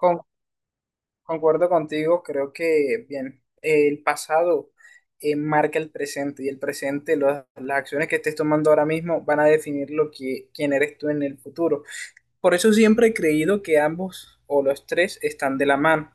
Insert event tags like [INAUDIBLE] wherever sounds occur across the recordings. Con- Concuerdo contigo, creo que, bien, el pasado marca el presente y el presente, las acciones que estés tomando ahora mismo van a definir lo que, quién eres tú en el futuro. Por eso siempre he creído que ambos o los tres están de la mano,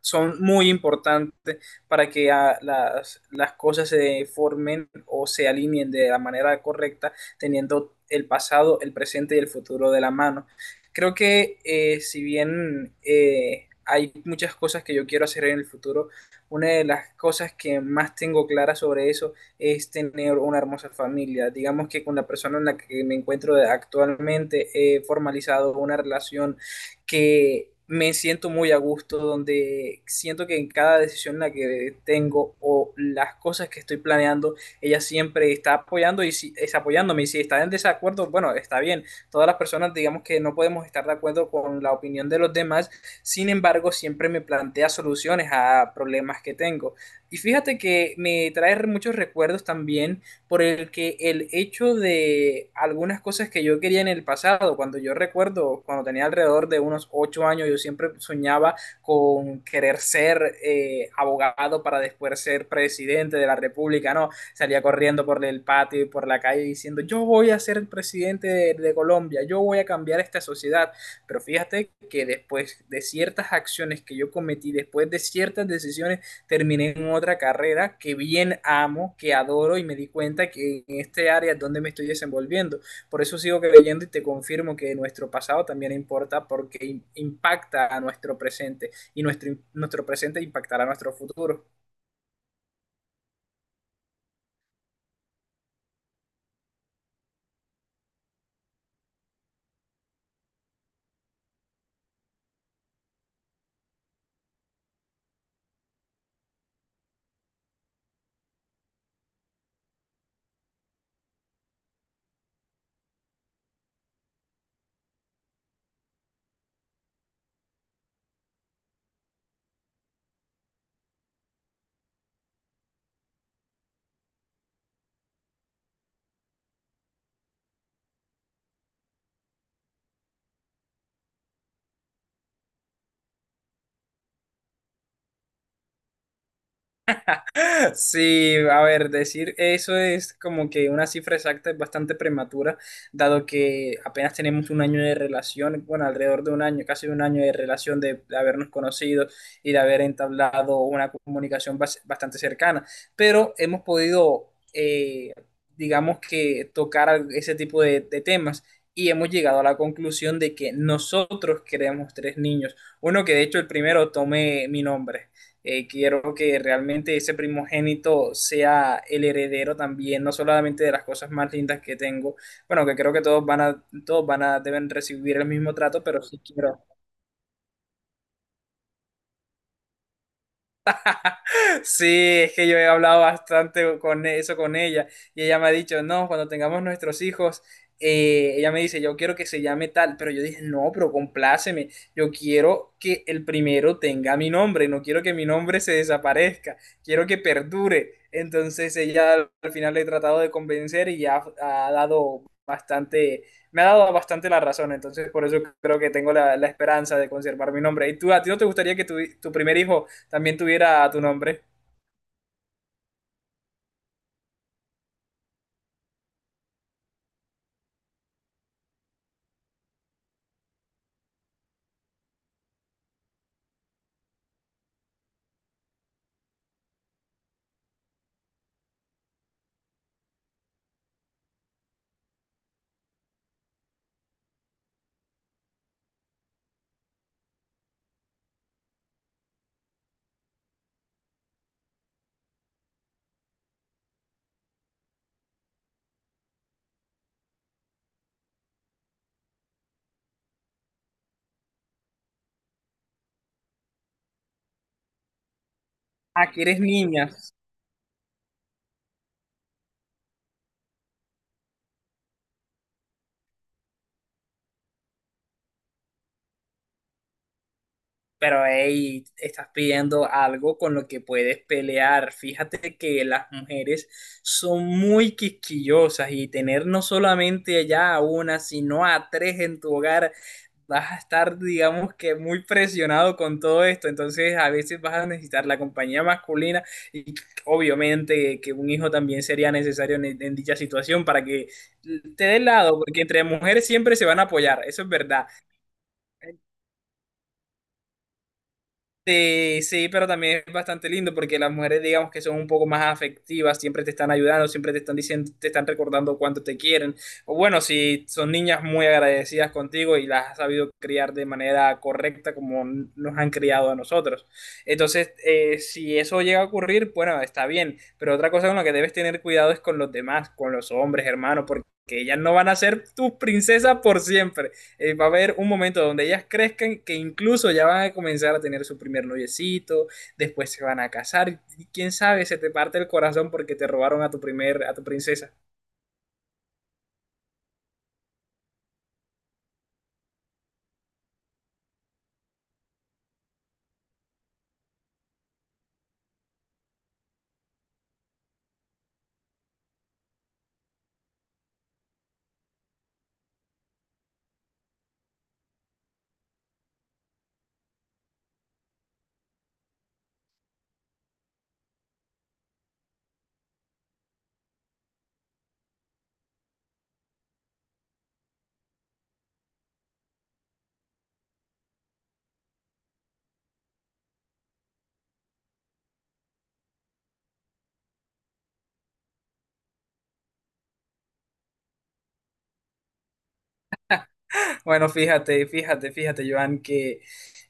son muy importantes para que las cosas se formen o se alineen de la manera correcta, teniendo el pasado, el presente y el futuro de la mano. Creo que si bien hay muchas cosas que yo quiero hacer en el futuro, una de las cosas que más tengo clara sobre eso es tener una hermosa familia. Digamos que con la persona en la que me encuentro actualmente he formalizado una relación que me siento muy a gusto, donde siento que en cada decisión en la que tengo o las cosas que estoy planeando, ella siempre está apoyando y si, es apoyándome. Y si está en desacuerdo, bueno, está bien. Todas las personas, digamos que no podemos estar de acuerdo con la opinión de los demás. Sin embargo, siempre me plantea soluciones a problemas que tengo. Y fíjate que me trae muchos recuerdos también por el que el hecho de algunas cosas que yo quería en el pasado, cuando yo recuerdo, cuando tenía alrededor de unos 8 años, yo siempre soñaba con querer ser abogado para después ser presidente de la República, ¿no? Salía corriendo por el patio y por la calle diciendo, yo voy a ser el presidente de Colombia, yo voy a cambiar esta sociedad. Pero fíjate que después de ciertas acciones que yo cometí, después de ciertas decisiones terminé en otra carrera que bien amo, que adoro y me di cuenta que en este área es donde me estoy desenvolviendo. Por eso sigo creyendo y te confirmo que nuestro pasado también importa porque impacta a nuestro presente y nuestro presente impactará a nuestro futuro. Sí, a ver, decir eso es como que una cifra exacta es bastante prematura, dado que apenas tenemos un año de relación, bueno, alrededor de un año, casi un año de relación de habernos conocido y de haber entablado una comunicación bastante cercana, pero hemos podido, digamos que, tocar ese tipo de temas. Y hemos llegado a la conclusión de que nosotros queremos tres niños. Uno que de hecho el primero tome mi nombre. Quiero que realmente ese primogénito sea el heredero también, no solamente de las cosas más lindas que tengo, bueno, que creo que todos van a, deben recibir el mismo trato, pero sí quiero, sí, es que yo he hablado bastante con eso con ella y ella me ha dicho, no, cuando tengamos nuestros hijos, ella me dice, yo quiero que se llame tal, pero yo dije, no, pero compláceme, yo quiero que el primero tenga mi nombre, no quiero que mi nombre se desaparezca, quiero que perdure. Entonces ella al final le he tratado de convencer y ya ha dado bastante, me ha dado bastante la razón, entonces por eso creo que tengo la, la esperanza de conservar mi nombre. ¿Y tú, a ti no te gustaría que tu primer hijo también tuviera tu nombre? Aquí eres niña, pero hey, estás pidiendo algo con lo que puedes pelear. Fíjate que las mujeres son muy quisquillosas y tener no solamente ya a una, sino a tres en tu hogar, vas a estar, digamos que, muy presionado con todo esto. Entonces, a veces vas a necesitar la compañía masculina y obviamente que un hijo también sería necesario en dicha situación para que te dé lado, porque entre mujeres siempre se van a apoyar, eso es verdad. Sí, sí, pero también es bastante lindo porque las mujeres, digamos que son un poco más afectivas, siempre te están ayudando, siempre te están diciendo, te están recordando cuánto te quieren. O bueno, si son niñas muy agradecidas contigo y las has sabido criar de manera correcta como nos han criado a nosotros. Entonces, si eso llega a ocurrir, bueno, está bien, pero otra cosa con la que debes tener cuidado es con los demás, con los hombres, hermanos, porque ellas no van a ser tus princesas por siempre, va a haber un momento donde ellas crezcan que incluso ya van a comenzar a tener su primer noviecito, después se van a casar, y quién sabe, se te parte el corazón porque te robaron a tu primer, a tu princesa. Bueno, fíjate, fíjate, fíjate, Joan, que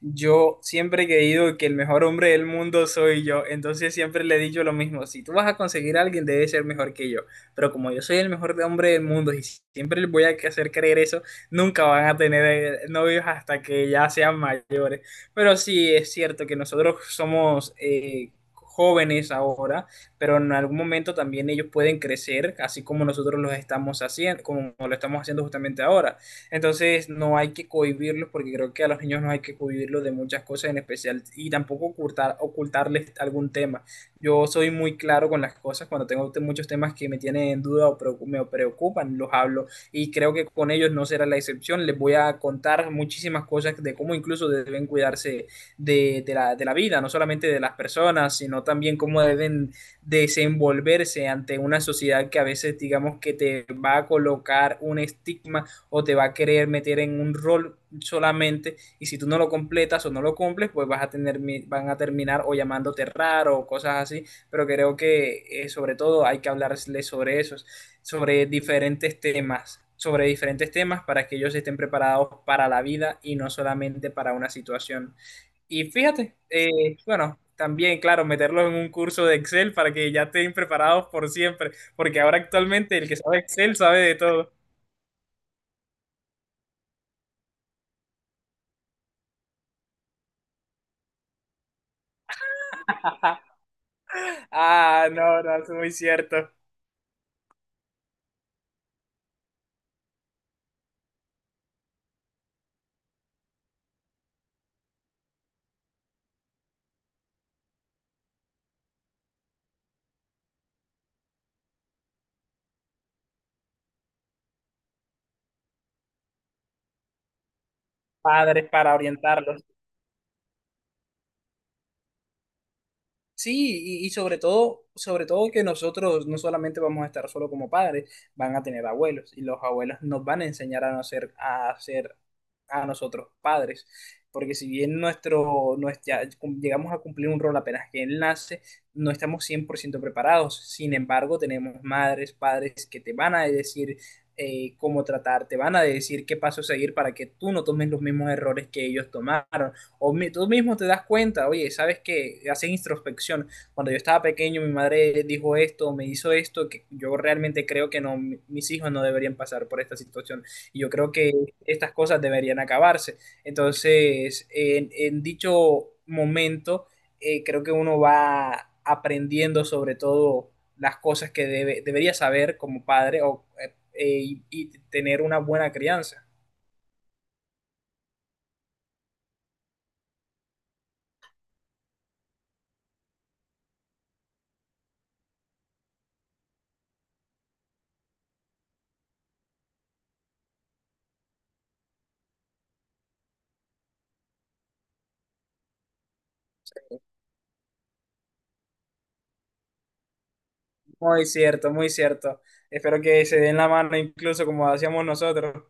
yo siempre he creído que el mejor hombre del mundo soy yo, entonces siempre le he dicho lo mismo, si tú vas a conseguir a alguien debe ser mejor que yo, pero como yo soy el mejor hombre del mundo y siempre les voy a hacer creer eso, nunca van a tener novios hasta que ya sean mayores, pero sí es cierto que nosotros somos... jóvenes ahora, pero en algún momento también ellos pueden crecer, así como nosotros los estamos haciendo, como lo estamos haciendo justamente ahora. Entonces no hay que cohibirlos porque creo que a los niños no hay que cohibirlos de muchas cosas en especial y tampoco ocultar, ocultarles algún tema. Yo soy muy claro con las cosas cuando tengo muchos temas que me tienen en duda o me preocupan, los hablo y creo que con ellos no será la excepción. Les voy a contar muchísimas cosas de cómo incluso deben cuidarse de la vida, no solamente de las personas, sino también cómo deben desenvolverse ante una sociedad que a veces digamos que te va a colocar un estigma o te va a querer meter en un rol solamente y si tú no lo completas o no lo cumples, pues vas a tener, van a terminar o llamándote raro o cosas así, pero creo que sobre todo hay que hablarles sobre eso, sobre diferentes temas para que ellos estén preparados para la vida y no solamente para una situación. Y fíjate, bueno, también, claro, meterlos en un curso de Excel para que ya estén preparados por siempre, porque ahora actualmente el que sabe Excel sabe de todo. [LAUGHS] Ah, no, no, es muy cierto. Padres para orientarlos. Sí, y sobre todo que nosotros no solamente vamos a estar solo como padres, van a tener abuelos y los abuelos nos van a enseñar a no ser, a ser a nosotros padres, porque si bien nuestro, nuestra, llegamos a cumplir un rol apenas que él nace, no estamos 100% preparados. Sin embargo, tenemos madres, padres que te van a decir cómo tratar, te van a decir qué paso seguir para que tú no tomes los mismos errores que ellos tomaron. O tú mismo te das cuenta, oye, ¿sabes que haces introspección? Cuando yo estaba pequeño, mi madre dijo esto, me hizo esto, que yo realmente creo que no, mis hijos no deberían pasar por esta situación. Y yo creo que estas cosas deberían acabarse. Entonces, en dicho momento, creo que uno va aprendiendo sobre todo las cosas que debería saber como padre o, y tener una buena crianza. Muy cierto, muy cierto. Espero que se den la mano incluso como hacíamos nosotros.